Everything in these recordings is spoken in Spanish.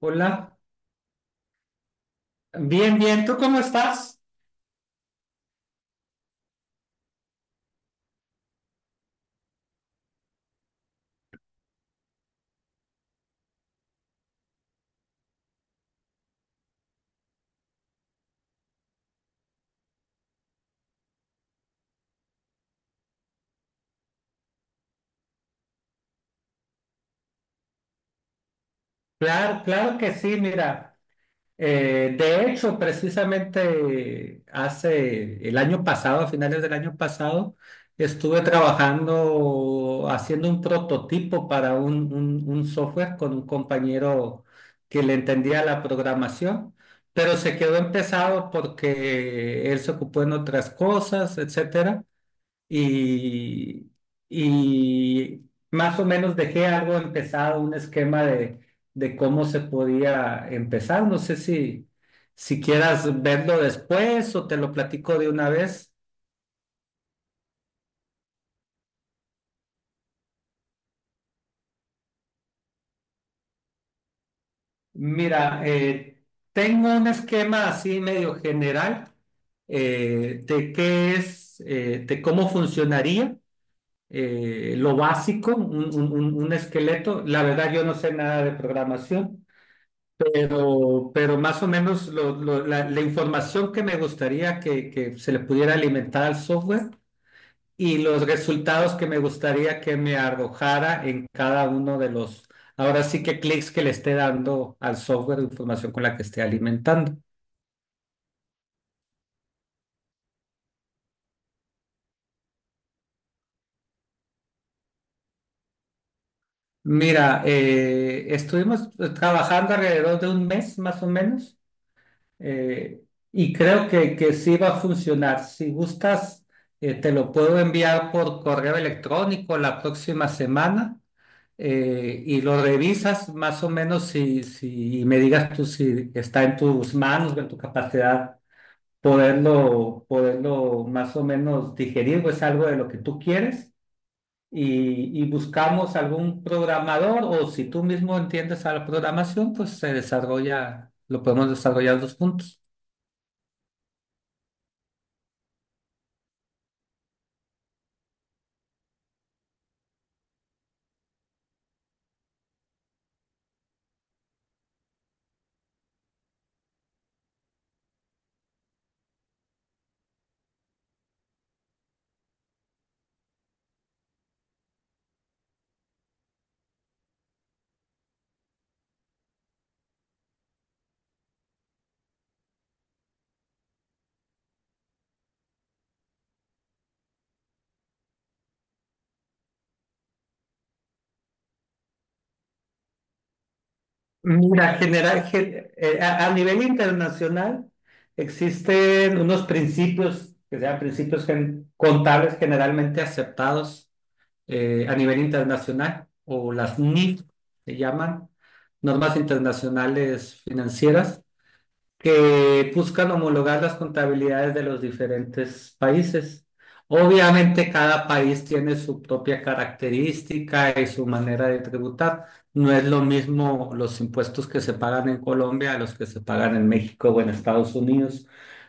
Hola, bien, bien, ¿tú cómo estás? Claro, claro que sí, mira, de hecho, precisamente hace el año pasado, a finales del año pasado, estuve trabajando haciendo un prototipo para un software con un compañero que le entendía la programación, pero se quedó empezado porque él se ocupó en otras cosas, etcétera. y, y más o menos dejé algo empezado, un esquema de cómo se podía empezar. No sé si, si quieras verlo después o te lo platico de una vez. Mira, tengo un esquema así medio general, de qué es, de cómo funcionaría. Lo básico, un esqueleto. La verdad, yo no sé nada de programación. Pero más o menos la información que me gustaría que se le pudiera alimentar al software y los resultados que me gustaría que me arrojara en cada uno de los, ahora sí que clics que le esté dando al software de información con la que esté alimentando. Mira, estuvimos trabajando alrededor de un mes más o menos. Eh, y creo que sí va a funcionar. Si gustas, te lo puedo enviar por correo electrónico la próxima semana, y lo revisas más o menos si, si y me digas tú si está en tus manos, en tu capacidad poderlo más o menos digerir o es algo de lo que tú quieres. Y buscamos algún programador o si tú mismo entiendes a la programación, pues se desarrolla, lo podemos desarrollar dos puntos. Mira, a nivel internacional existen unos principios, que sean principios contables generalmente aceptados a nivel internacional, o las NIF se llaman, normas internacionales financieras que buscan homologar las contabilidades de los diferentes países. Obviamente cada país tiene su propia característica y su manera de tributar. No es lo mismo los impuestos que se pagan en Colombia a los que se pagan en México o en Estados Unidos,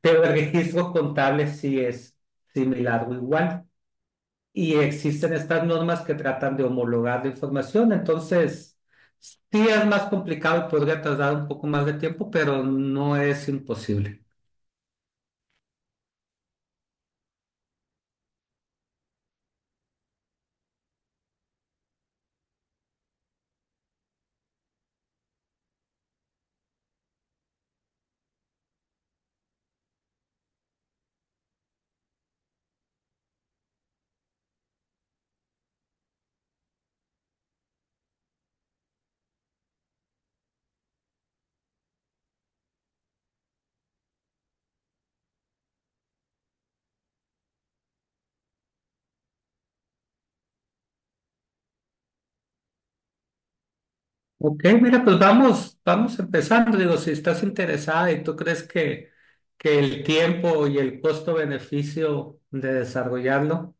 pero el registro contable sí es similar o igual y existen estas normas que tratan de homologar la información. Entonces, sí es más complicado y podría tardar un poco más de tiempo, pero no es imposible. Ok, mira, pues vamos empezando. Digo, si estás interesada y tú crees que el tiempo y el costo-beneficio de desarrollarlo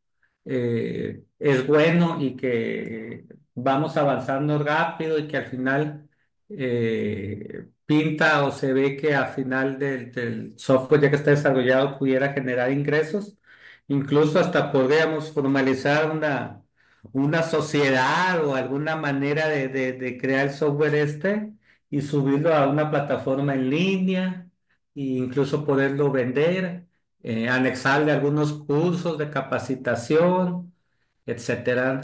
es bueno y que vamos avanzando rápido y que al final pinta o se ve que al final del, del software ya que está desarrollado pudiera generar ingresos, incluso hasta podríamos formalizar una sociedad o alguna manera de, de crear el software este y subirlo a una plataforma en línea e incluso poderlo vender, anexarle algunos cursos de capacitación, etcétera.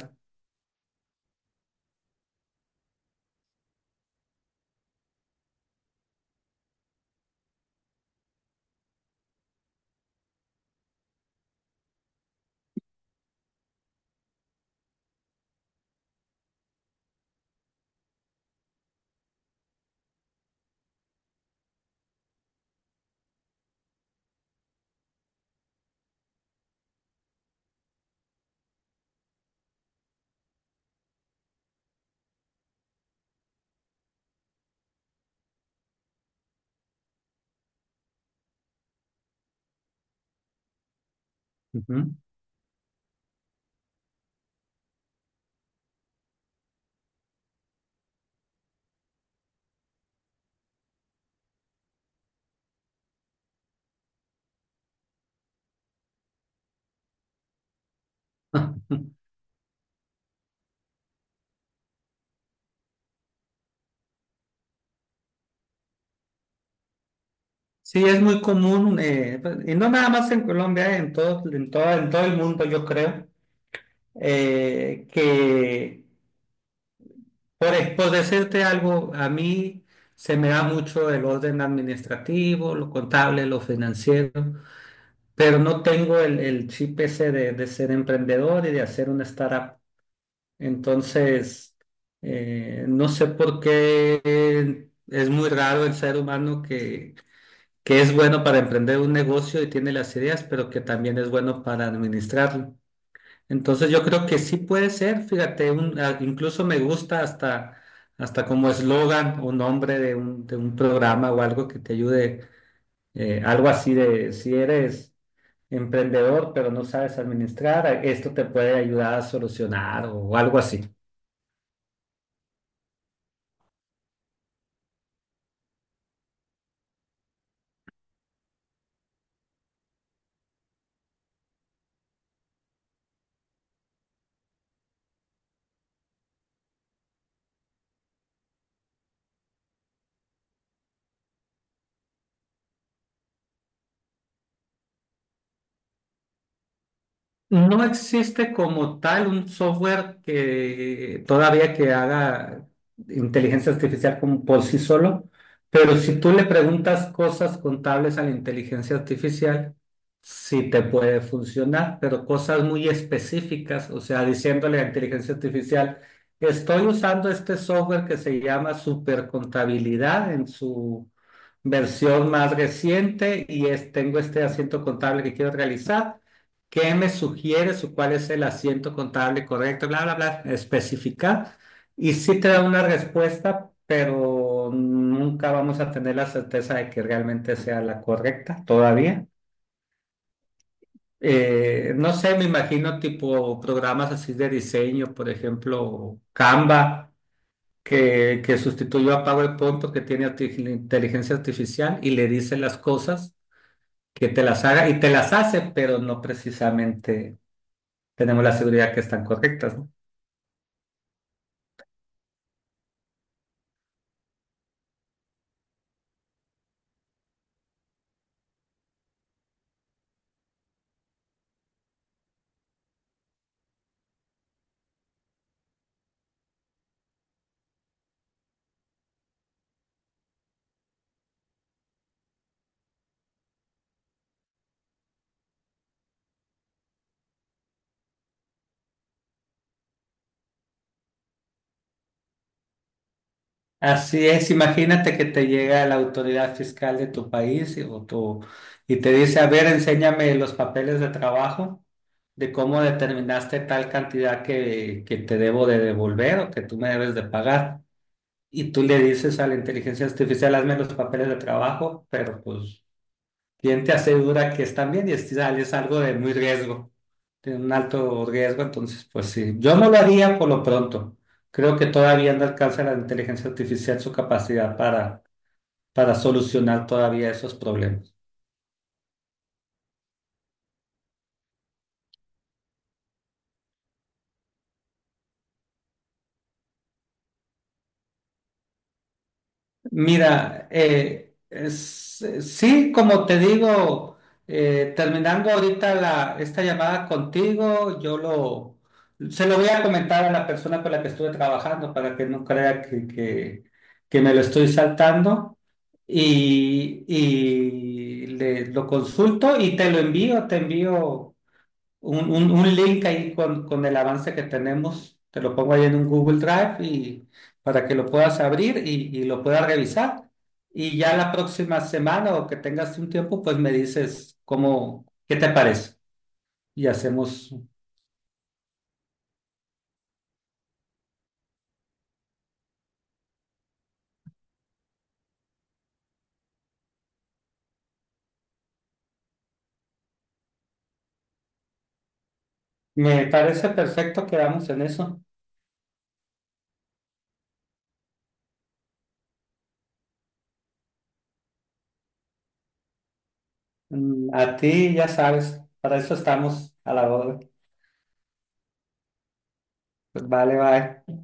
Ujú. Sí, es muy común, y no nada más en Colombia, en todo, en todo, en todo el mundo, yo creo, eh, que por decirte algo, a mí se me da mucho el orden administrativo, lo contable, lo financiero, pero no tengo el chip ese de ser emprendedor y de hacer una startup. Entonces, no sé por qué es muy raro el ser humano que es bueno para emprender un negocio y tiene las ideas, pero que también es bueno para administrarlo. Entonces yo creo que sí puede ser, fíjate, incluso me gusta hasta, hasta como eslogan o nombre de un programa o algo que te ayude, algo así de si eres emprendedor pero no sabes administrar, esto te puede ayudar a solucionar o algo así. No existe como tal un software que todavía que haga inteligencia artificial como por sí solo, pero si tú le preguntas cosas contables a la inteligencia artificial, sí te puede funcionar, pero cosas muy específicas, o sea, diciéndole a la inteligencia artificial, estoy usando este software que se llama Supercontabilidad en su versión más reciente y es, tengo este asiento contable que quiero realizar. ¿Qué me sugieres o cuál es el asiento contable correcto? Bla, bla, bla, especificar. Y sí te da una respuesta, pero nunca vamos a tener la certeza de que realmente sea la correcta todavía. No sé, me imagino tipo programas así de diseño, por ejemplo, Canva, que sustituyó a PowerPoint porque tiene inteligencia artificial y le dice las cosas que te las haga y te las hace, pero no precisamente tenemos la seguridad que están correctas, ¿no? Así es, imagínate que te llega la autoridad fiscal de tu país y, y te dice, a ver, enséñame los papeles de trabajo de cómo determinaste tal cantidad que te debo de devolver o que tú me debes de pagar. Y tú le dices a la inteligencia artificial, hazme los papeles de trabajo, pero pues ¿quién te asegura que están bien? Y es algo de muy riesgo, de un alto riesgo. Entonces, pues sí, yo no lo haría por lo pronto. Creo que todavía no alcanza la inteligencia artificial su capacidad para solucionar todavía esos problemas. Mira, sí, como te digo, terminando ahorita la, esta llamada contigo, se lo voy a comentar a la persona con la que estuve trabajando para que no crea que me lo estoy saltando y le, lo consulto y te lo envío, te envío un link ahí con el avance que tenemos. Te lo pongo ahí en un Google Drive y para que lo puedas abrir y lo puedas revisar. Y ya la próxima semana o que tengas un tiempo, pues me dices cómo, qué te parece. Y hacemos. Me parece perfecto, quedamos en eso. Mm, a ti ya sabes, para eso estamos a la orden. Pues vale, bye.